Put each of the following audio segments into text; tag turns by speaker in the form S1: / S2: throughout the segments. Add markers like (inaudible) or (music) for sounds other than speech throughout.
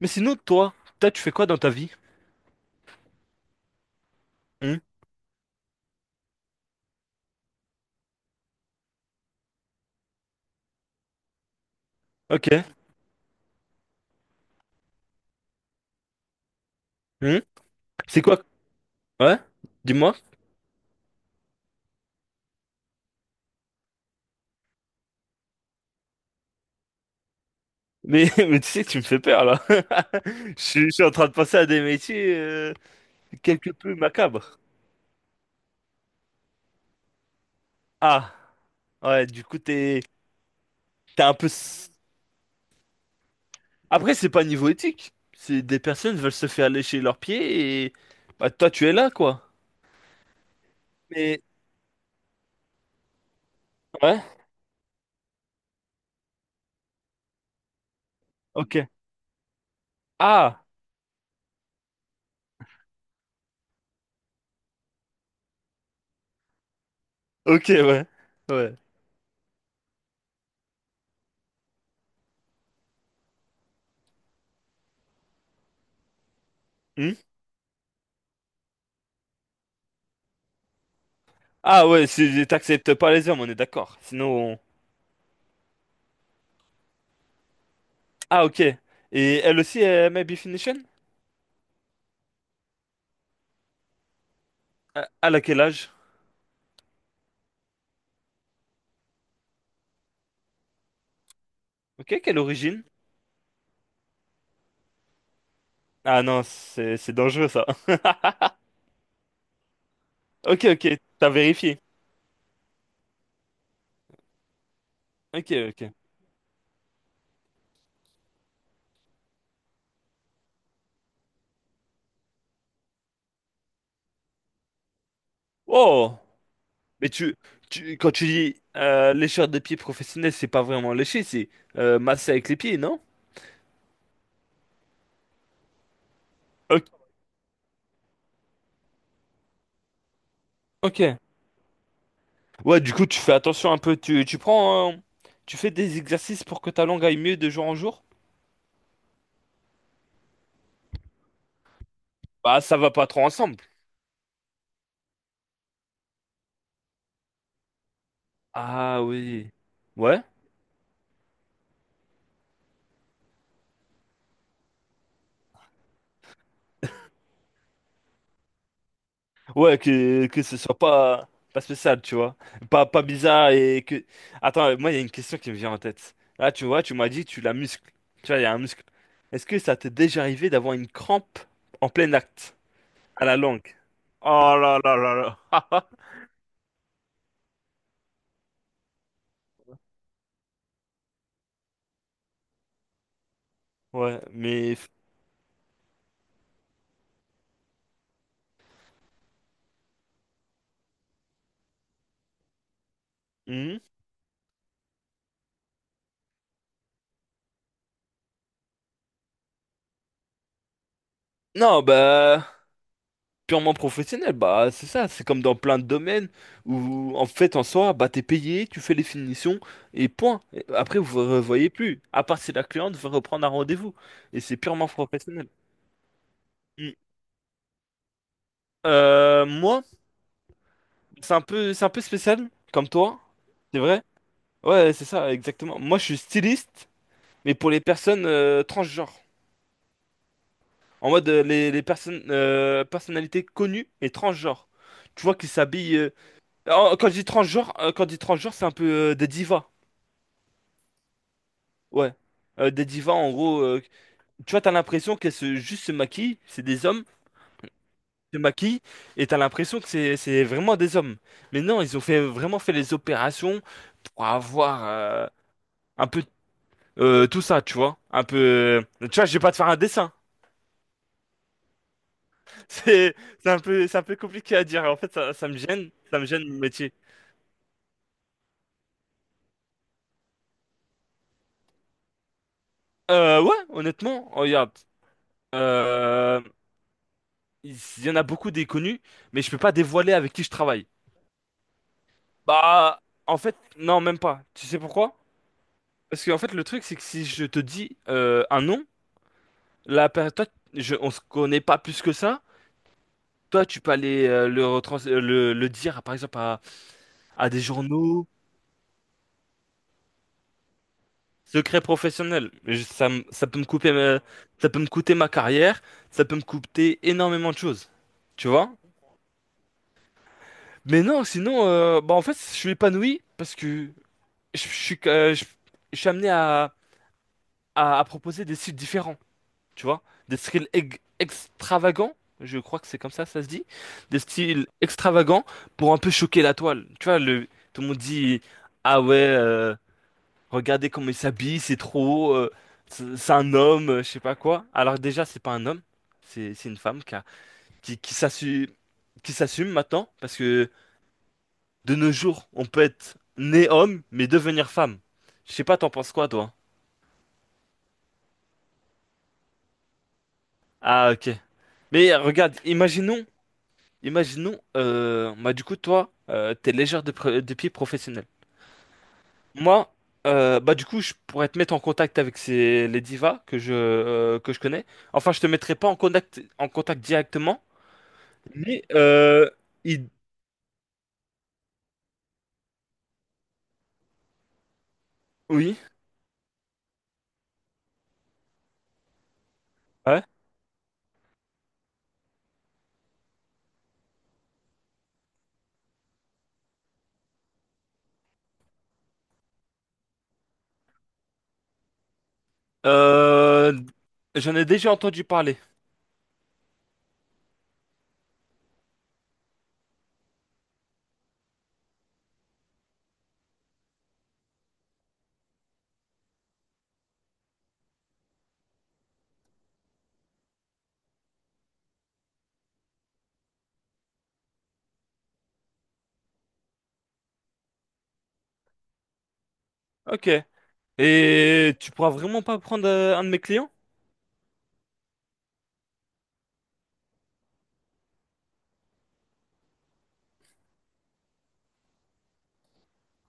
S1: Mais sinon, toi, toi, tu fais quoi dans ta vie? Hmm. Ok. Hmm. C'est quoi? Ouais? Dis-moi. Mais, (laughs) mais tu sais, tu me fais peur là. (laughs) Je suis en train de passer à des métiers quelque peu macabres. Ah, ouais, du coup, t'es un peu. Après, c'est pas niveau éthique. C'est des personnes veulent se faire lécher leurs pieds et. Bah, toi, tu es là, quoi. Mais. Ouais? Ok. Ah, ok, ouais. Ouais. Hmm. Ah, ouais, t'acceptes pas les hommes, on est d'accord. Sinon, Ah, ok. Et elle aussi est Maybe Finition? Ah, elle a quel âge? Ok, quelle origine? Ah non, c'est dangereux ça. (laughs) Ok, ok, t'as vérifié. Ok, ok. Oh! Mais tu quand tu dis lécheur de pieds professionnel, c'est pas vraiment lécher, c'est masser avec les pieds, non? Ok. Ok. Ouais, du coup, tu fais attention un peu. Tu prends. Tu fais des exercices pour que ta langue aille mieux de jour en jour? Bah, ça va pas trop ensemble. Ah oui. Ouais? Ouais, que ce soit pas, pas spécial, tu vois. Pas, pas bizarre et que. Attends, moi, il y a une question qui me vient en tête. Là, tu vois, tu m'as dit, tu la muscles. Tu vois, il y a un muscle. Est-ce que ça t'est déjà arrivé d'avoir une crampe en plein acte, à la langue? Oh là là là là. (laughs) Ouais, mais. Hmm. Non, bah, purement professionnel, bah c'est ça, c'est comme dans plein de domaines où en fait en soi, bah t'es payé, tu fais les finitions et point. Et après vous ne revoyez plus, à part si la cliente veut reprendre un rendez-vous et c'est purement professionnel. Mm. Moi, c'est un peu spécial comme toi, c'est vrai? Ouais, c'est ça, exactement. Moi je suis styliste, mais pour les personnes transgenres, en mode les personnes personnalités connues et transgenres. Tu vois qu'ils s'habillent. Quand je dis transgenre, c'est un peu des divas. Ouais. Des divas, en gros. Tu vois, t'as l'impression qu'elles juste se maquillent. C'est des hommes, se maquillent. Et t'as l'impression que c'est vraiment des hommes. Mais non, ils ont fait, vraiment fait les opérations pour avoir un peu tout ça, tu vois. Un peu. Tu vois, je vais pas te faire un dessin. (laughs) C'est, c'est un peu compliqué à dire. En fait, ça me gêne. Ça me gêne mon métier. Ouais, honnêtement, regarde. euh, il y en a beaucoup des connus, mais je peux pas dévoiler avec qui je travaille. Bah, en fait, non, même pas. Tu sais pourquoi? Parce qu'en fait, le truc, c'est que si je te dis un nom, toi, on se connaît pas plus que ça. Toi, tu peux aller le dire, par exemple, à des journaux, secret professionnel. Ça peut me couper, ça peut me coûter ma carrière, ça peut me coûter énormément de choses. Tu vois? Mais non, sinon, bah en fait, je suis épanoui parce que je suis, je suis amené à proposer des styles différents, tu vois, des styles extravagants, je crois que c'est comme ça se dit, des styles extravagants pour un peu choquer la toile. Tu vois, tout le monde dit, ah ouais, regardez comment il s'habille, c'est trop haut, c'est un homme, je sais pas quoi. Alors déjà, c'est pas un homme, c'est une femme qui s'assume, qui s'assume maintenant, parce que de nos jours, on peut être né homme, mais devenir femme. Je sais pas, t'en penses quoi, toi? Ah, ok. Mais regarde, imaginons, bah du coup, toi, t'es légère de pied professionnel. Moi, bah du coup, je pourrais te mettre en contact avec les divas que je connais. Enfin, je te mettrai pas en contact, en contact directement, mais il- oui, ouais. Euh, J'en ai déjà entendu parler. Ok. Et tu pourras vraiment pas prendre un de mes clients?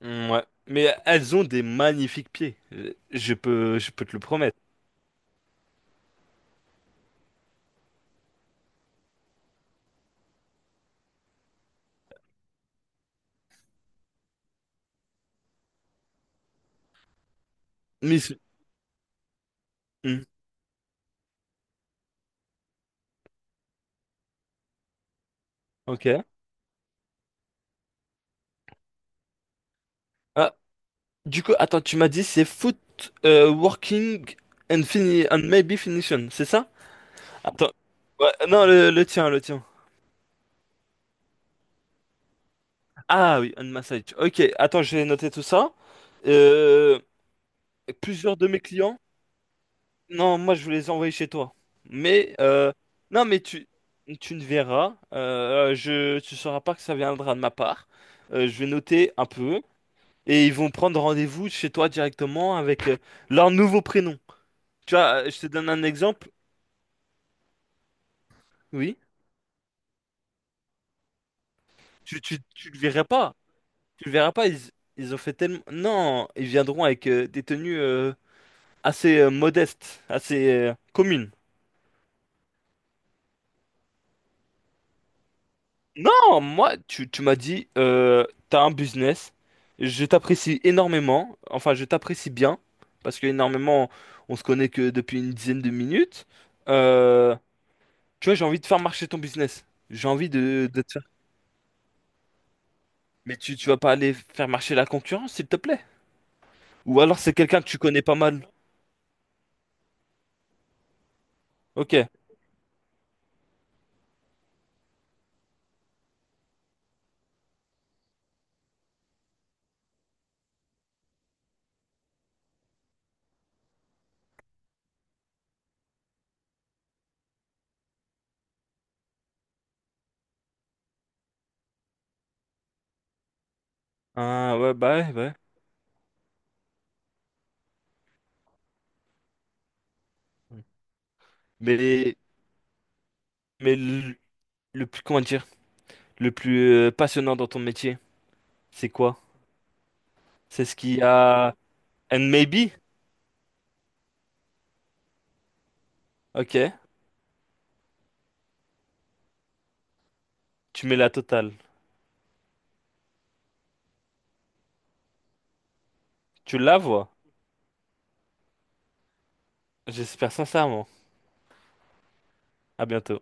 S1: Mm, ouais. Mais elles ont des magnifiques pieds. Je peux te le promettre. Mais. Hmm. Ok. Ah, du coup, attends, tu m'as dit c'est foot working and fini and maybe finition, c'est ça? Attends. Ouais, non, le tien, le tien. Ah oui, un massage. Ok, attends, je vais noter tout ça. Euh, plusieurs de mes clients. Non, moi je vais les envoyer chez toi. Mais non, mais tu ne verras. Je tu sauras pas que ça viendra de ma part. Je vais noter un peu et ils vont prendre rendez-vous chez toi directement avec leur nouveau prénom. Tu vois, je te donne un exemple. Oui. Tu le verras pas. Tu le verras pas. Ils ont fait tellement. Non, ils viendront avec des tenues assez modestes, assez communes. Non, moi, tu m'as dit, t'as un business. Je t'apprécie énormément. Enfin, je t'apprécie bien. Parce que énormément, on se connaît que depuis une dizaine de minutes. Euh, Tu vois, j'ai envie de faire marcher ton business. J'ai envie de te faire. Mais tu vas pas aller faire marcher la concurrence, s'il te plaît. Ou alors c'est quelqu'un que tu connais pas mal. Ok. Ah ouais, bah ouais, ouais. Mais, mais le plus, comment dire, le plus passionnant dans ton métier, c'est quoi? C'est ce qu'il y a. And maybe? Ok. Tu mets la totale. Tu la vois? J'espère sincèrement. À bientôt.